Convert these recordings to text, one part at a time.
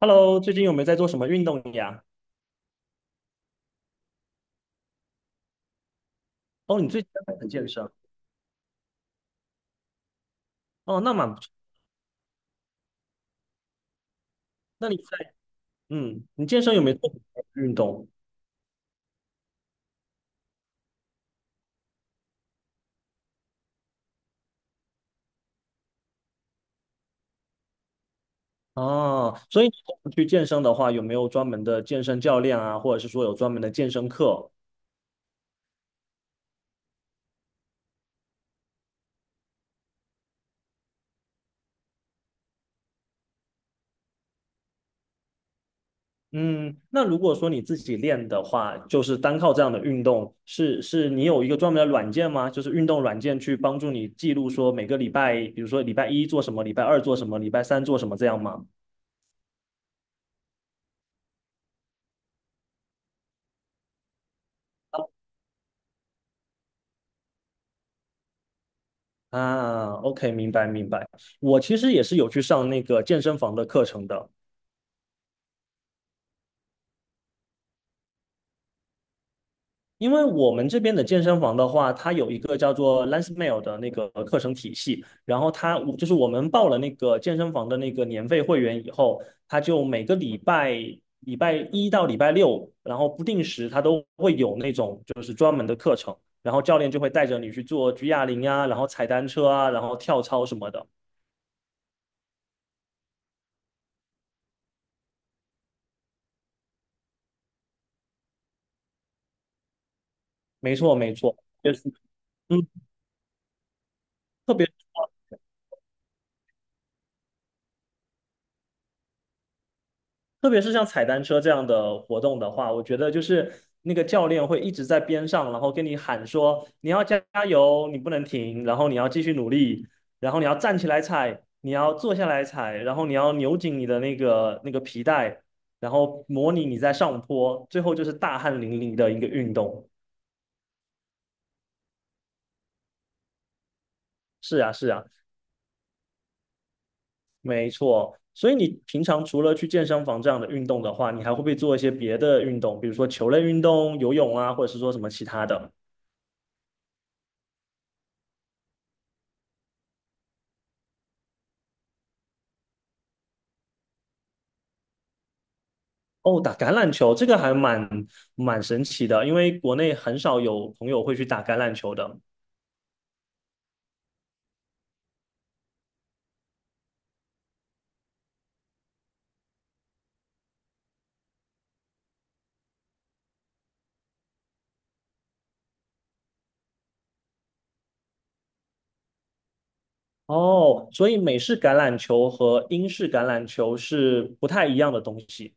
Hello,最近有没有在做什么运动呀？哦，你最近在很健身哦，那蛮不错。那你在你健身有没有做什么运动？哦，所以你平常去健身的话，有没有专门的健身教练啊，或者是说有专门的健身课？嗯，那如果说你自己练的话，就是单靠这样的运动，是你有一个专门的软件吗？就是运动软件去帮助你记录说每个礼拜，比如说礼拜一做什么，礼拜二做什么，礼拜三做什么这样吗？啊，OK,明白明白。我其实也是有去上那个健身房的课程的，因为我们这边的健身房的话，它有一个叫做 Lansmail 的那个课程体系，然后它就是我们报了那个健身房的那个年费会员以后，它就每个礼拜一到礼拜六，然后不定时它都会有那种就是专门的课程，然后教练就会带着你去做举哑铃啊，然后踩单车啊，然后跳操什么的。没错没错，就是嗯。特别。特别是像踩单车这样的活动的话，我觉得就是那个教练会一直在边上，然后跟你喊说你要加油，你不能停，然后你要继续努力，然后你要站起来踩，你要坐下来踩，然后你要扭紧你的那个皮带，然后模拟你在上坡，最后就是大汗淋漓的一个运动。是啊，是啊，没错。所以你平常除了去健身房这样的运动的话，你还会不会做一些别的运动，比如说球类运动、游泳啊，或者是说什么其他的？哦，打橄榄球这个还蛮神奇的，因为国内很少有朋友会去打橄榄球的。哦，所以美式橄榄球和英式橄榄球是不太一样的东西。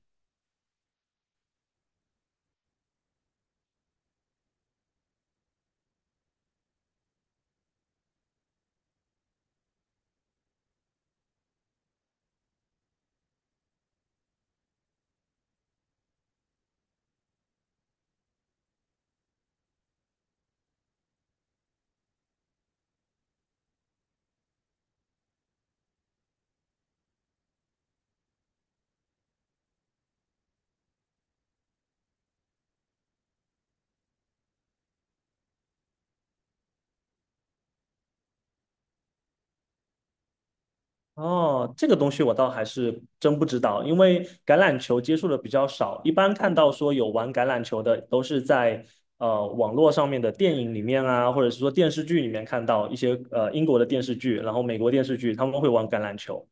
哦，这个东西我倒还是真不知道，因为橄榄球接触的比较少，一般看到说有玩橄榄球的都是在网络上面的电影里面啊，或者是说电视剧里面看到一些英国的电视剧，然后美国电视剧他们会玩橄榄球。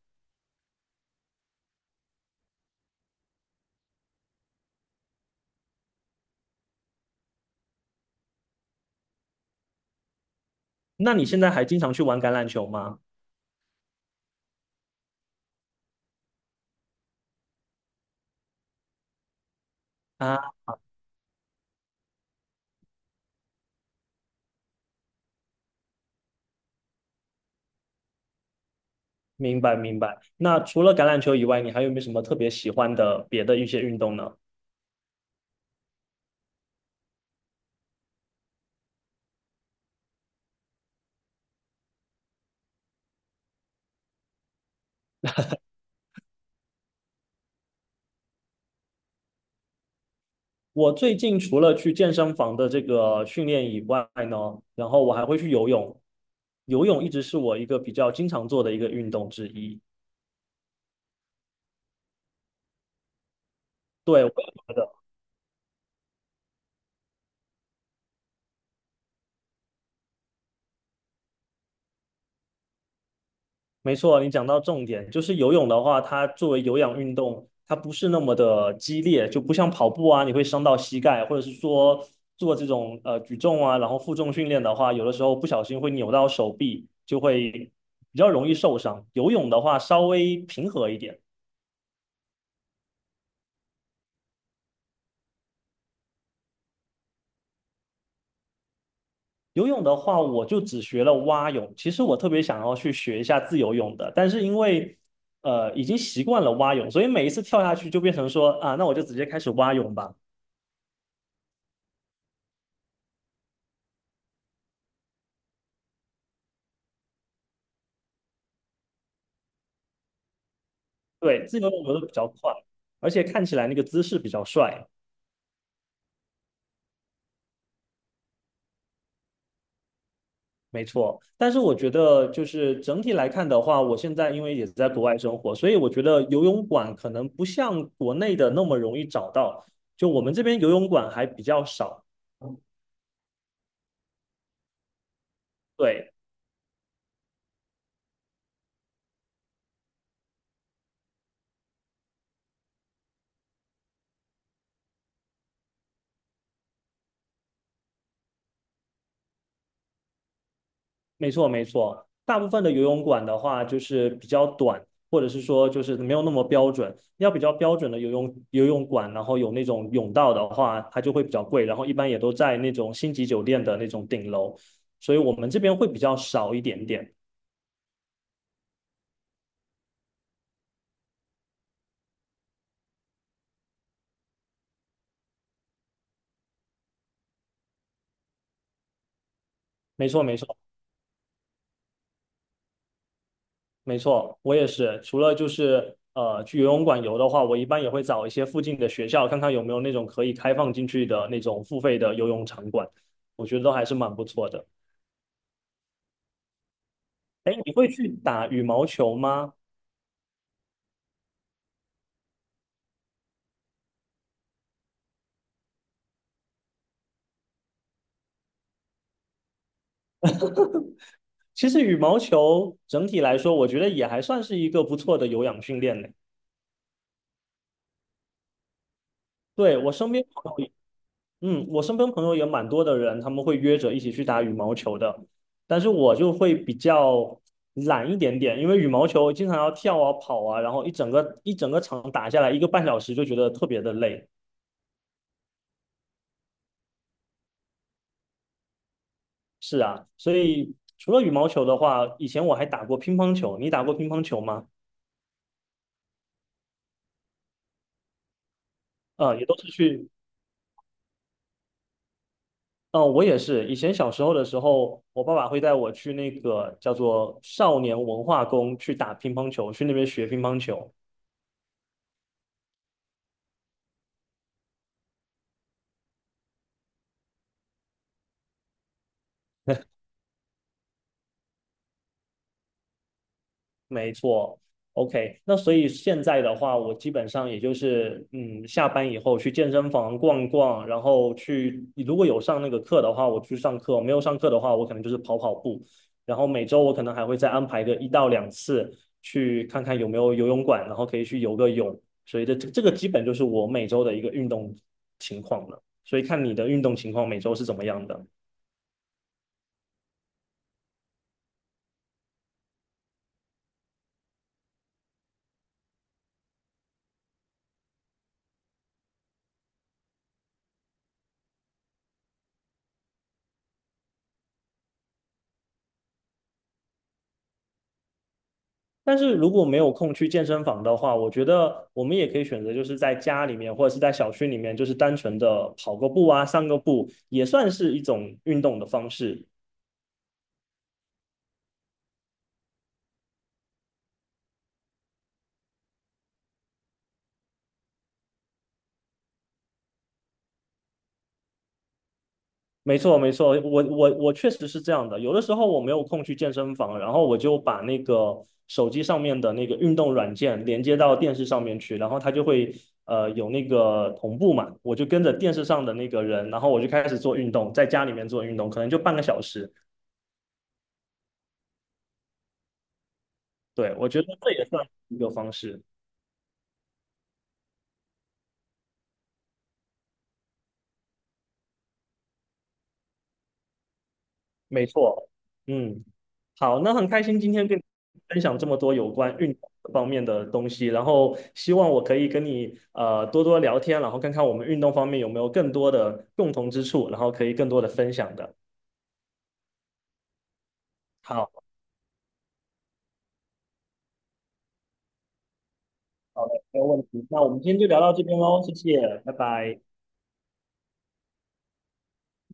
那你现在还经常去玩橄榄球吗？啊？明白明白。那除了橄榄球以外，你还有没有什么特别喜欢的别的一些运动呢？我最近除了去健身房的这个训练以外呢，然后我还会去游泳。游泳一直是我一个比较经常做的一个运动之一。对，我也觉得没错，你讲到重点，就是游泳的话，它作为有氧运动，它不是那么的激烈，就不像跑步啊，你会伤到膝盖，或者是说做这种举重啊，然后负重训练的话，有的时候不小心会扭到手臂，就会比较容易受伤。游泳的话稍微平和一点，游泳的话我就只学了蛙泳，其实我特别想要去学一下自由泳的，但是因为已经习惯了蛙泳，所以每一次跳下去就变成说啊，那我就直接开始蛙泳吧。对，自由泳游的比较快，而且看起来那个姿势比较帅，没错。但是我觉得，就是整体来看的话，我现在因为也在国外生活，所以我觉得游泳馆可能不像国内的那么容易找到。就我们这边游泳馆还比较少，对。没错，没错。大部分的游泳馆的话，就是比较短，或者是说就是没有那么标准。要比较标准的游泳馆，然后有那种泳道的话，它就会比较贵。然后一般也都在那种星级酒店的那种顶楼，所以我们这边会比较少一点点。没错，没错，没错。我也是，除了就是去游泳馆游的话，我一般也会找一些附近的学校，看看有没有那种可以开放进去的那种付费的游泳场馆。我觉得都还是蛮不错的。哎，你会去打羽毛球吗？其实羽毛球整体来说，我觉得也还算是一个不错的有氧训练嘞。对，我身边朋友也嗯，我身边朋友也蛮多的人，他们会约着一起去打羽毛球的。但是我就会比较懒一点点，因为羽毛球经常要跳啊、跑啊，然后一整个场打下来1个半小时，就觉得特别的累。是啊，所以除了羽毛球的话，以前我还打过乒乓球。你打过乒乓球吗？啊、也都是去。嗯，我也是。以前小时候的时候，我爸爸会带我去那个叫做少年文化宫去打乒乓球，去那边学乒乓球。没错，OK。那所以现在的话，我基本上也就是，嗯，下班以后去健身房逛逛，然后去，如果有上那个课的话，我去上课；没有上课的话，我可能就是跑跑步。然后每周我可能还会再安排个1到2次，去看看有没有游泳馆，然后可以去游个泳。所以这个基本就是我每周的一个运动情况了。所以看你的运动情况每周是怎么样的。但是如果没有空去健身房的话，我觉得我们也可以选择，就是在家里面或者是在小区里面，就是单纯的跑个步啊，散个步，也算是一种运动的方式。没错，没错，我确实是这样的。有的时候我没有空去健身房，然后我就把那个手机上面的那个运动软件连接到电视上面去，然后它就会有那个同步嘛，我就跟着电视上的那个人，然后我就开始做运动，在家里面做运动，可能就半个小时。对，我觉得这也算是一个方式。没错，嗯，好，那很开心今天跟你分享这么多有关运动方面的东西，然后希望我可以跟你多多聊天，然后看看我们运动方面有没有更多的共同之处，然后可以更多的分享的。好，好的，没有问题。那我们今天就聊到这边喽，谢谢，拜拜。